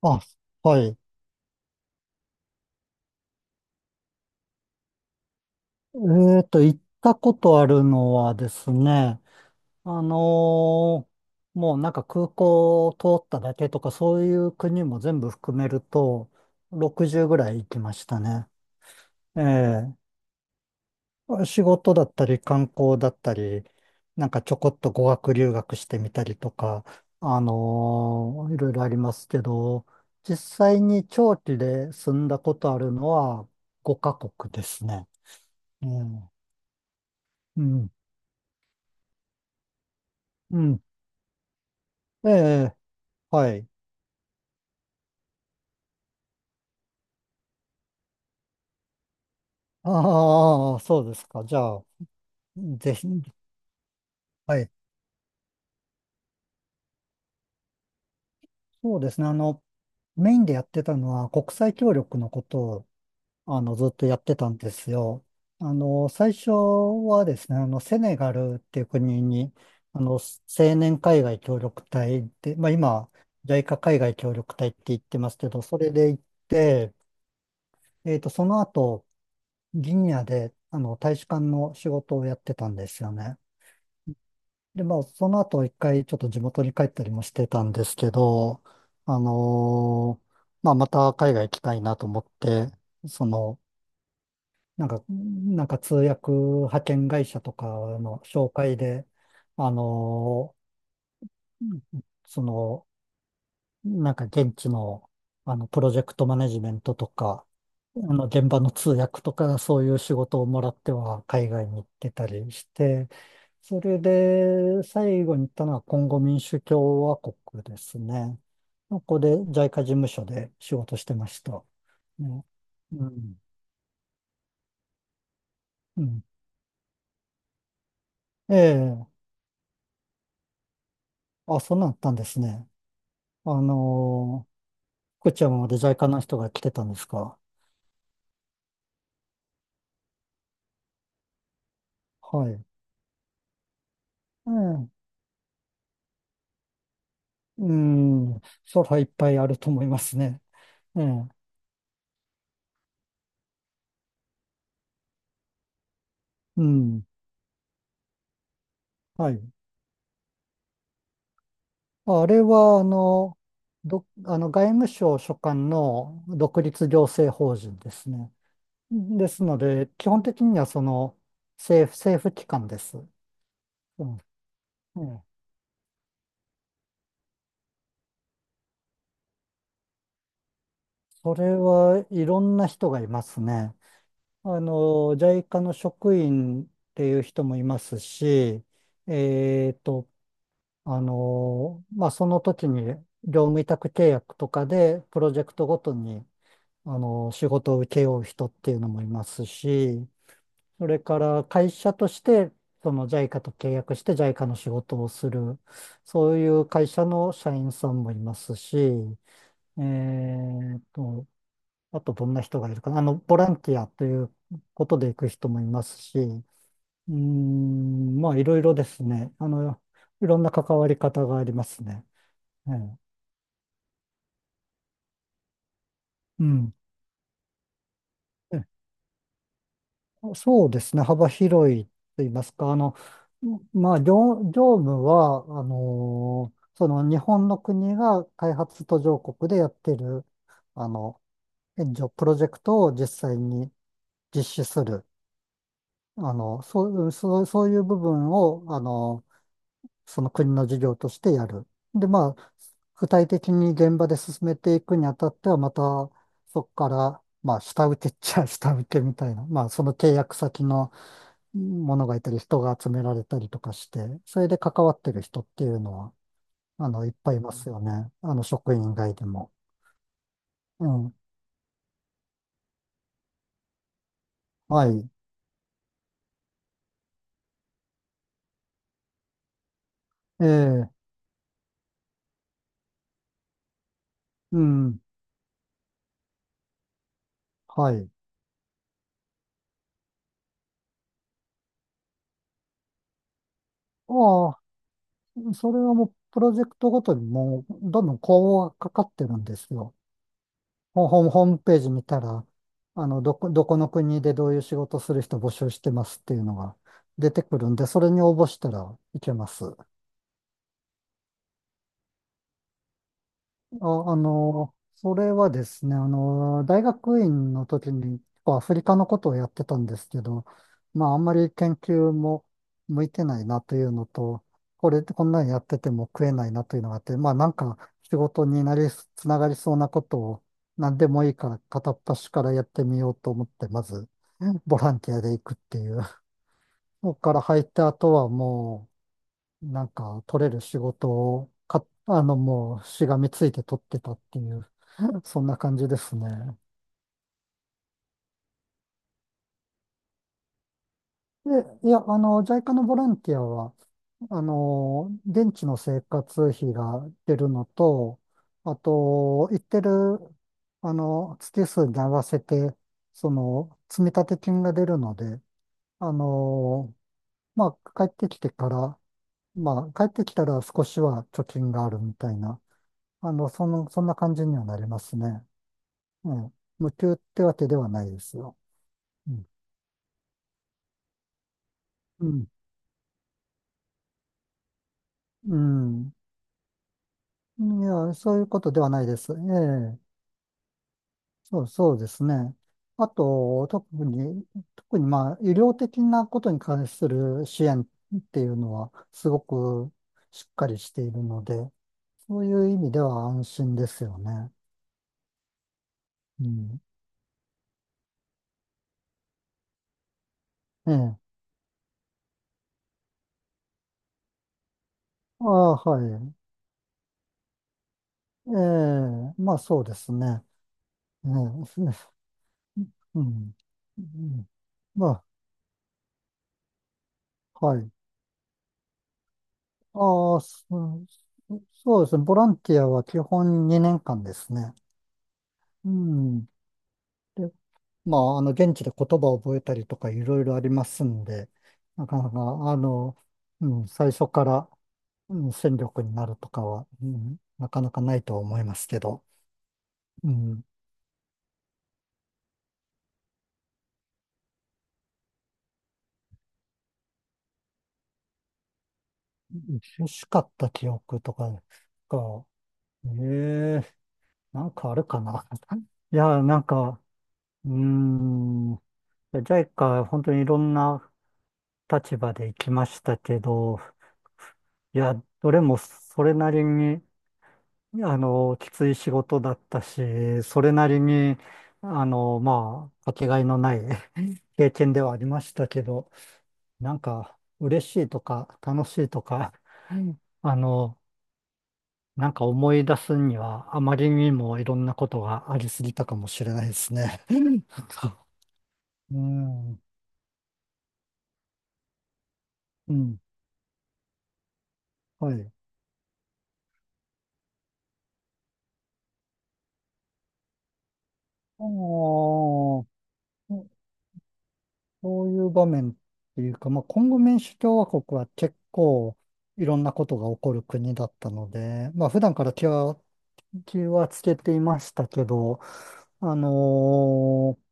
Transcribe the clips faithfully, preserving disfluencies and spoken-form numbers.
あ、はい。えっと、行ったことあるのはですね、あのーもうなんか空港を通っただけとか、そういう国も全部含めると、ろくじゅうぐらい行きましたね。ええ、仕事だったり観光だったり、なんかちょこっと語学留学してみたりとか、あのーいろいろありますけど、実際に長期で住んだことあるのはごかこくカ国ですね。うんうんうん。ええ、はい。ああ、そうですか。じゃあ、ぜひ、はい。そうですね。あの、メインでやってたのは国際協力のことを、あの、ずっとやってたんですよ。あの、最初はですね、あの、セネガルっていう国に、あの、青年海外協力隊で、まあ今、ジャイカ海外協力隊って言ってますけど、それで行って、えっと、その後、ギニアで、あの、大使館の仕事をやってたんですよね。で、まあ、その後一回ちょっと地元に帰ったりもしてたんですけど、あのーまあ、また海外行きたいなと思って、その、なんか、なんか通訳派遣会社とかの紹介で、あのーその、なんか現地の、あの、プロジェクトマネジメントとか、あの、現場の通訳とか、そういう仕事をもらっては海外に行ってたりして、それで最後に行ったのはコンゴ民主共和国ですね。ここでジャイカ事務所で仕事してました。ね、うん。うん。ええ。あ、そんなんあったんですね。あのー、福知山まで ジャイカ の人が来てたんですか？はい。ええ。うん、それはいっぱいあると思いますね。ええ、うん、はい。あれは、あの、ど、あの、外務省所管の独立行政法人ですね。ですので、基本的にはその政府、政府機関です。うん、ええ、それはいろんな人がいますね。あの、ジャイカの職員っていう人もいますし、えっと、あの、まあ、その時に業務委託契約とかでプロジェクトごとに、あの、仕事を請け負う人っていうのもいますし、それから会社として、その ジャイカ と契約して ジャイカ の仕事をする、そういう会社の社員さんもいますし、えーっと、あとどんな人がいるかな、あの、ボランティアということで行く人もいますし、うーん、まあ、いろいろですね。あの、いろんな関わり方がありますね。ええ、うん。えそうですね。幅広いと言いますか、あの、まあ、業、業務は、あのーその日本の国が開発途上国でやってる、あの、援助プロジェクトを実際に実施する、あの、そう、そう、そういう部分を、あの、その国の事業としてやる。で、まあ、具体的に現場で進めていくにあたっては、また、そこから、まあ、下請けっちゃ 下請けみたいな、まあ、その契約先のものがいたり、人が集められたりとかして、それで関わってる人っていうのは、あの、いっぱいいますよね。あの、職員以外でも。うん。はい。ええ、うん。はい。ああ、それはもう、プロジェクトごとにもう、どんどんこうかかってるんですよ。ホホーム、ホームページ見たら、あの、どこ、どこの国でどういう仕事する人募集してますっていうのが出てくるんで、それに応募したらいけます。あ、あの、それはですね、あの、大学院の時にアフリカのことをやってたんですけど、まあ、あんまり研究も向いてないなというのと、これ、こんなにやってても食えないなというのがあって、まあ、なんか仕事になり、つながりそうなことを何でもいいから片っ端からやってみようと思って、まず、ボランティアで行くっていう。そこから入った後はもう、なんか取れる仕事をか、あの、もうしがみついて取ってたっていう。そんな感じですね。で、いや、あの、ジャイカ のボランティアは、あの、現地の生活費が出るのと、あと、行ってる、あの、月数に合わせて、その、積立金が出るので、あの、まあ、帰ってきてから、まあ、帰ってきたら少しは貯金があるみたいな、あの、その、そんな感じにはなりますね。うん。無給ってわけではないですよ。うん。うん。うん、いや、そういうことではないです。ええ、そう、そうですね。あと、特に、特にまあ、医療的なことに関する支援っていうのは、すごくしっかりしているので、そういう意味では安心ですよね。うん。ええ。ああ、はい。ええ、まあそうですね。ええ、うん。うん、まあ、はい。ああ、そそうですね。ボランティアは基本にねんかんですね。うん。で、まあ、あの、現地で言葉を覚えたりとかいろいろありますんで、なかなか、あの、うん、最初から、うん、戦力になるとかは、うん、なかなかないとは思いますけど、うん、欲しかった記憶とかが、ええ、なんかあるかな。いや、なんか、うーん、ジャイカ本当にいろんな立場で行きましたけど、いや、どれもそれなりに、あの、きつい仕事だったし、それなりに、あの、まあ、かけがえのない 経験ではありましたけど、なんか、嬉しいとか、楽しいとか うん あの、なんか思い出すには、あまりにもいろんなことがありすぎたかもしれないですね。うん、うん、はい。おー、そういう場面っていうか、まあ、コンゴ民主共和国は結構いろんなことが起こる国だったので、まあ、普段から気は、気はつけていましたけど、あのー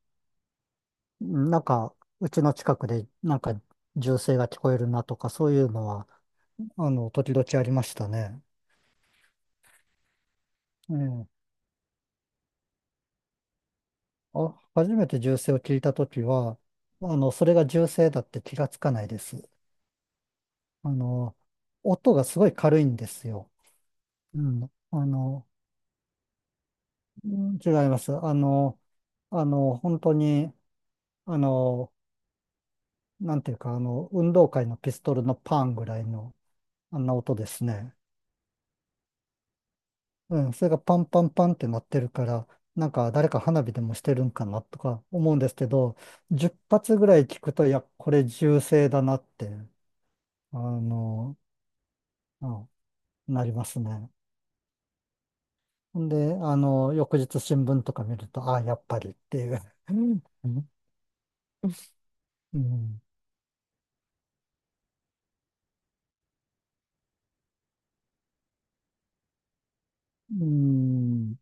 なんか、うちの近くでなんか銃声が聞こえるなとか、そういうのは、あの、時々ありましたね。ええ、あ、初めて銃声を聞いたときは、あの、それが銃声だって気がつかないです。あの、音がすごい軽いんですよ。うん。あの、うん違います。あの、あの、本当に、あの、なんていうか、あの、運動会のピストルのパンぐらいの、あんな音ですね。うん、それがパンパンパンって鳴ってるから、なんか誰か花火でもしてるんかなとか思うんですけど、じゅっぱつ発ぐらい聞くと、いや、これ銃声だなって、あの、うん、なりますね。ほんで、あの、翌日新聞とか見ると、ああ、やっぱりっていう。うん うん、うん。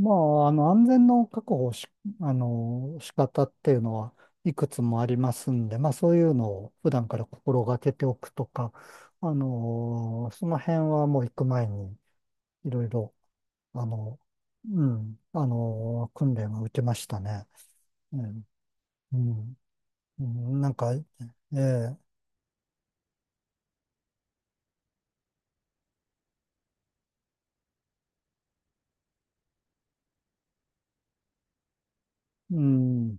まあ、あの、安全の確保をし、あの、仕方っていうのはいくつもありますんで、まあそういうのを普段から心がけておくとか、あの、その辺はもう行く前にいろいろ、あの、うん、あの、訓練は受けましたね。うん、うん、なんか、ええ、うん、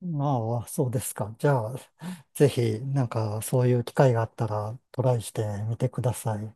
まあ、そうですか。じゃあ、ぜひ、なんかそういう機会があったらトライしてみてください。